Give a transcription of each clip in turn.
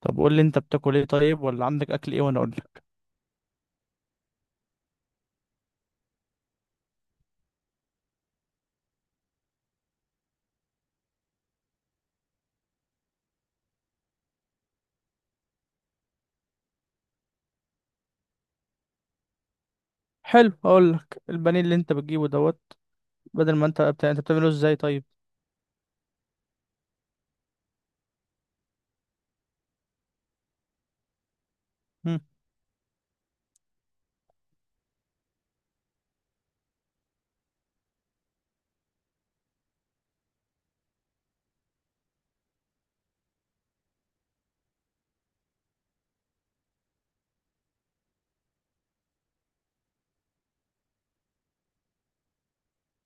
طب قول لي انت بتاكل ايه طيب، ولا عندك اكل ايه وانا اقول لك؟ حلو، اقول لك البانيه اللي انت بتجيبه دوت. بدل ما انت بتعمله ازاي طيب؟ هم.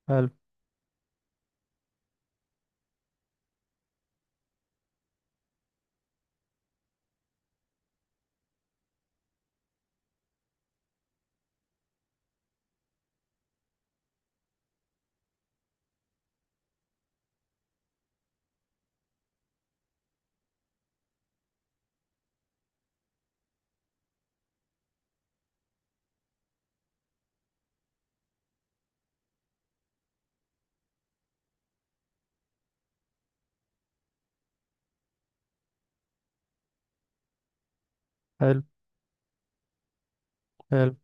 حلو. حلو. حلو.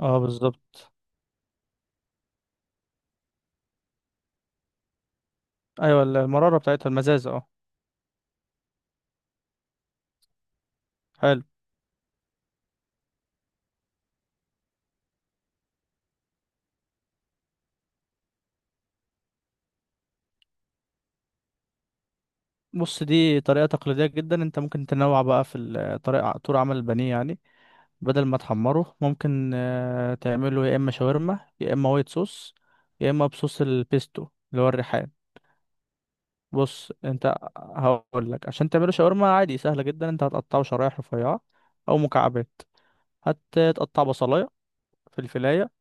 اه بالظبط. ايوه، المراره بتاعتها المزازه اه. حلو. بص، دي طريقه تقليديه جدا. انت ممكن تنوع بقى في طريقه طول عمل البانيه، يعني بدل ما تحمره ممكن تعمله يا اما شاورما، يا اما وايت صوص، يا اما بصوص البيستو اللي هو الريحان. بص، انت هقول لك عشان تعمله شاورما عادي سهله جدا. انت هتقطعه شرايح رفيعه او مكعبات. هتقطع بصلايه، فلفلايه،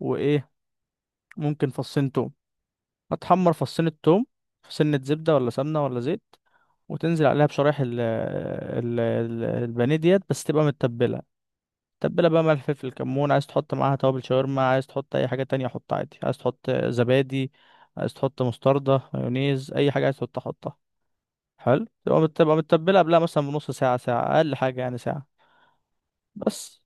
وايه، ممكن فصين توم. هتحمر فصين التوم في سنه زبده ولا سمنه ولا زيت. وتنزل عليها بشرايح البانيه ديت، بس تبقى متبله. تبله بقى ملح فلفل كمون. عايز تحط معاها توابل شاورما، عايز تحط اي حاجه تانية حط عادي، عايز تحط زبادي، عايز تحط مستردة مايونيز اي حاجه، عايز تحط حطها. حلو. تبقى متبلها قبلها مثلا بنص ساعة ساعة، أقل حاجة يعني ساعة. بس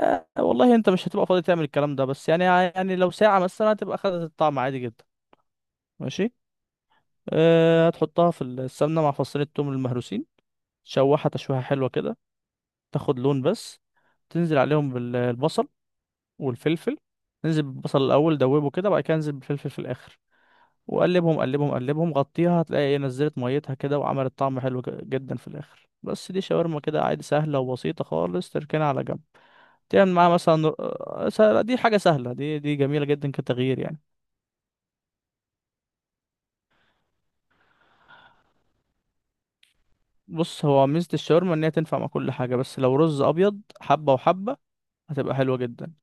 آه والله، أنت مش هتبقى فاضي تعمل الكلام ده، بس يعني لو ساعة مثلا هتبقى خدت الطعم عادي جدا. ماشي. آه، هتحطها في السمنة مع فصين التوم المهروسين. تشوحها تشويحة حلوة كده، تاخد لون بس. تنزل عليهم بالبصل والفلفل. ننزل بالبصل الأول دوبه كده، بعد كده انزل بالفلفل في الآخر. وقلبهم قلبهم قلبهم، غطيها، هتلاقي ايه، نزلت ميتها كده وعملت طعم حلو جدا في الاخر. بس دي شاورما كده عادي، سهله وبسيطه خالص. تركنها على جنب. تعمل معاها مثلا دي حاجه سهله، دي دي جميله جدا كتغيير يعني. بص، هو ميزه الشاورما ان هي تنفع مع كل حاجه، بس لو رز ابيض حبه وحبه هتبقى حلوه جدا.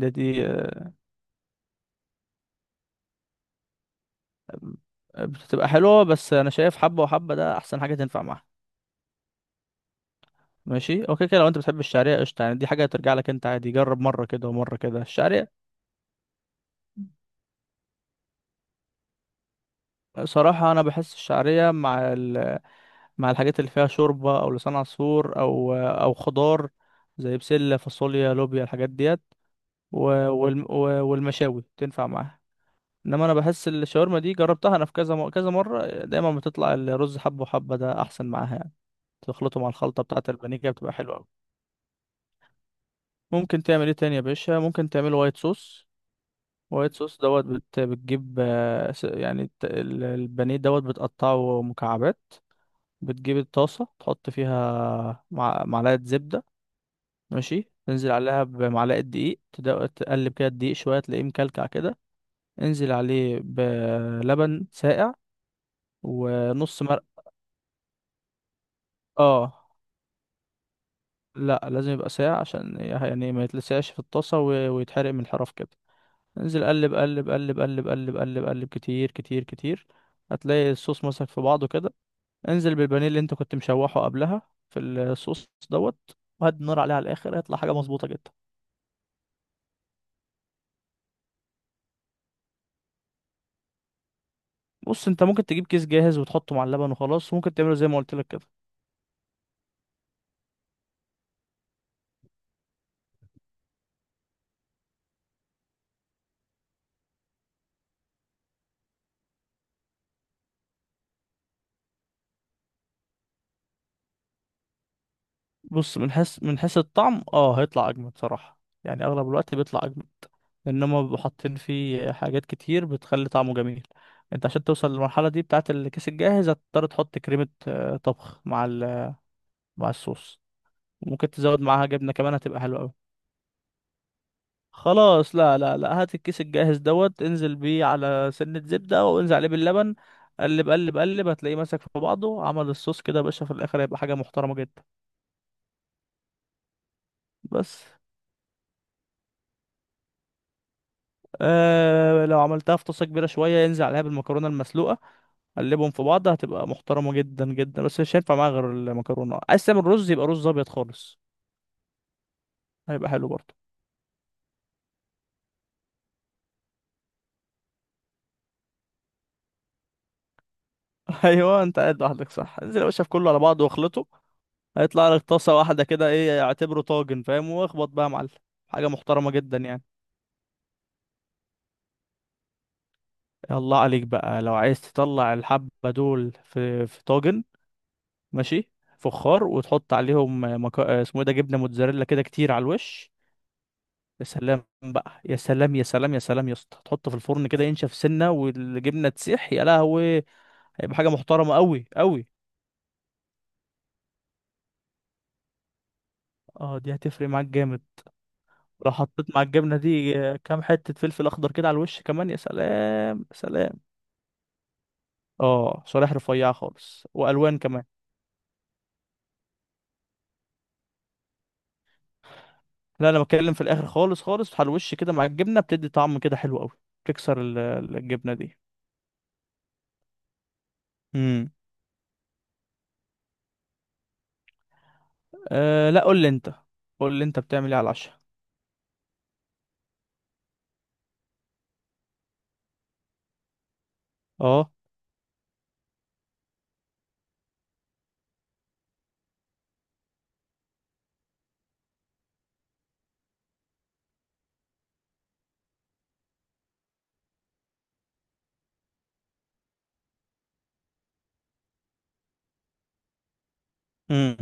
ده دي آه، بتبقى حلوه، بس انا شايف حبه وحبه ده احسن حاجه تنفع معاها. ماشي، اوكي كده. لو انت بتحب الشعريه قشطه، يعني دي حاجه ترجع لك انت عادي، جرب مره كده ومره كده الشعريه. صراحة أنا بحس الشعرية مع مع الحاجات اللي فيها شوربة أو لسان عصفور أو أو خضار، زي بسلة فاصوليا لوبيا الحاجات ديت. و... والمشاوي تنفع معاها. إنما أنا بحس الشاورما دي جربتها أنا في كذا كذا مرة، دايما بتطلع الرز حبة وحبة ده أحسن معاها يعني. تخلطه مع الخلطة بتاعة البانيه كده بتبقى حلوة أوي. ممكن تعمل إيه تاني يا باشا؟ ممكن تعمل وايت صوص. وايت صوص دوت بتجيب يعني البانيه دوت بتقطعه مكعبات. بتجيب الطاسة تحط فيها معلقة زبدة. ماشي. تنزل عليها بمعلقة دقيق، تقلب كده الدقيق شوية تلاقيه مكلكع كده. انزل عليه بلبن ساقع ونص مرق. اه. لا، لازم يبقى ساقع عشان يعني ما يتلسعش في الطاسة ويتحرق من الحرف كده. انزل، قلب قلب قلب قلب قلب قلب قلب، كتير كتير كتير، هتلاقي الصوص مسك في بعضه كده. انزل بالبانيه اللي انت كنت مشوحه قبلها في الصوص دوت. وهدي النار عليه على الاخر، هيطلع حاجة مظبوطة جدا. بص، انت ممكن تجيب كيس جاهز وتحطه مع اللبن وخلاص، وممكن تعمله زي ما قلت لك كده. بص، من حيث الطعم اه هيطلع اجمد صراحة، يعني اغلب الوقت بيطلع اجمد، لان هما بيبقوا حاطين فيه حاجات كتير بتخلي طعمه جميل. انت عشان توصل للمرحلة دي بتاعة الكيس الجاهز، هتضطر تحط كريمة طبخ مع مع الصوص. ممكن تزود معاها جبنة كمان هتبقى حلوة أوي. خلاص، لا لا لا، هات الكيس الجاهز دوت، انزل بيه على سنة زبدة وانزل عليه باللبن. قلب قلب قلب، هتلاقيه ماسك في بعضه عمل الصوص كده يا باشا، في الآخر هيبقى حاجة محترمة جدا. بس آه، لو عملتها في طاسة كبيرة شوية ينزل عليها بالمكرونة المسلوقة، قلبهم في بعض هتبقى محترمة جدا جدا. بس مش هينفع معاها غير المكرونة، عايز تعمل رز يبقى رز أبيض خالص، هيبقى حلو برضه. أيوه، أنت قاعد لوحدك صح، انزل يا باشا في كله على بعضه واخلطه. هيطلع لك طاسة واحدة كده، ايه اعتبره طاجن فاهم، واخبط بقى يا معلم، حاجة محترمة جدا يعني. الله عليك بقى، لو عايز تطلع الحبة دول في طاجن، ماشي، فخار، وتحط عليهم اسمه ايه ده، جبنة موتزاريلا كده كتير على الوش. يا سلام بقى، يا سلام يا سلام يا سلام يا اسطى. تحطه في الفرن كده ينشف سنة، والجبنة تسيح يا لهوي. هيبقى حاجة محترمة قوي قوي. اه، دي هتفرق معاك جامد. لو حطيت مع الجبنة دي كام حتة فلفل أخضر كده على الوش كمان، يا سلام يا سلام. اه، شرايح رفيعة خالص والوان كمان. لا، انا بتكلم في الاخر خالص خالص، على الوش كده مع الجبنة، بتدي طعم كده حلو قوي. تكسر الجبنة دي. امم. آه لا، قول لي انت. قول لي انت بتعمل ايه على العشاء. اه. امم.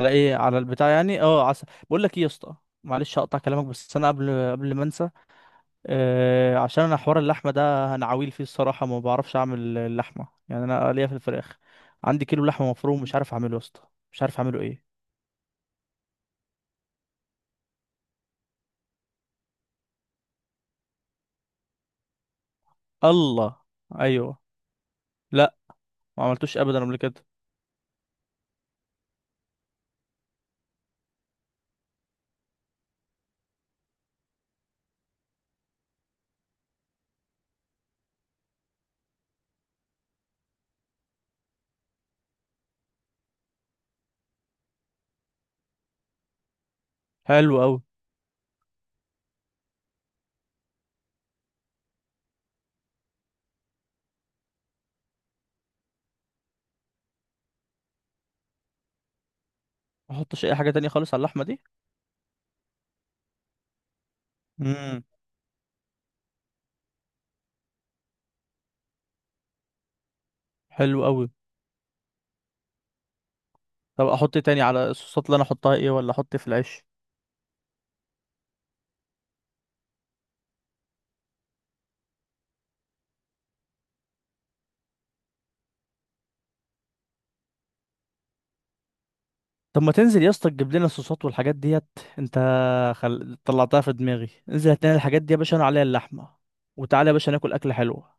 على ايه على البتاع؟ يعني اه عسل؟ بقول لك ايه يا اسطى، معلش هقطع كلامك، بس انا قبل ما انسى، آه عشان انا حوار اللحمه ده انا عويل فيه الصراحه، ما بعرفش اعمل اللحمه، يعني انا ليا في الفراخ. عندي كيلو لحمه مفروم مش عارف اعمله يا اسطى، مش عارف اعمله ايه. الله. ايوه. لا، ما عملتوش ابدا قبل كده. حلو قوي. ما احطش اي حاجه تانية خالص على اللحمه دي. امم. حلو قوي. طب احط إيه تاني على الصوصات؟ اللي انا احطها ايه، ولا احط إيه في العيش؟ طب ما تنزل يا اسطى تجيب لنا الصوصات والحاجات ديت انت، طلعتها في دماغي، انزل هات لنا الحاجات دي يا باشا، انا عليها اللحمه، وتعالى يا باشا ناكل اكله حلوه.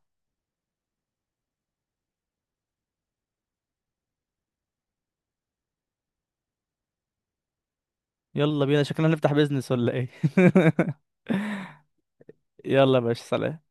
يلا بينا، شكلنا هنفتح بيزنس ولا ايه؟ يلا يا باشا سلام.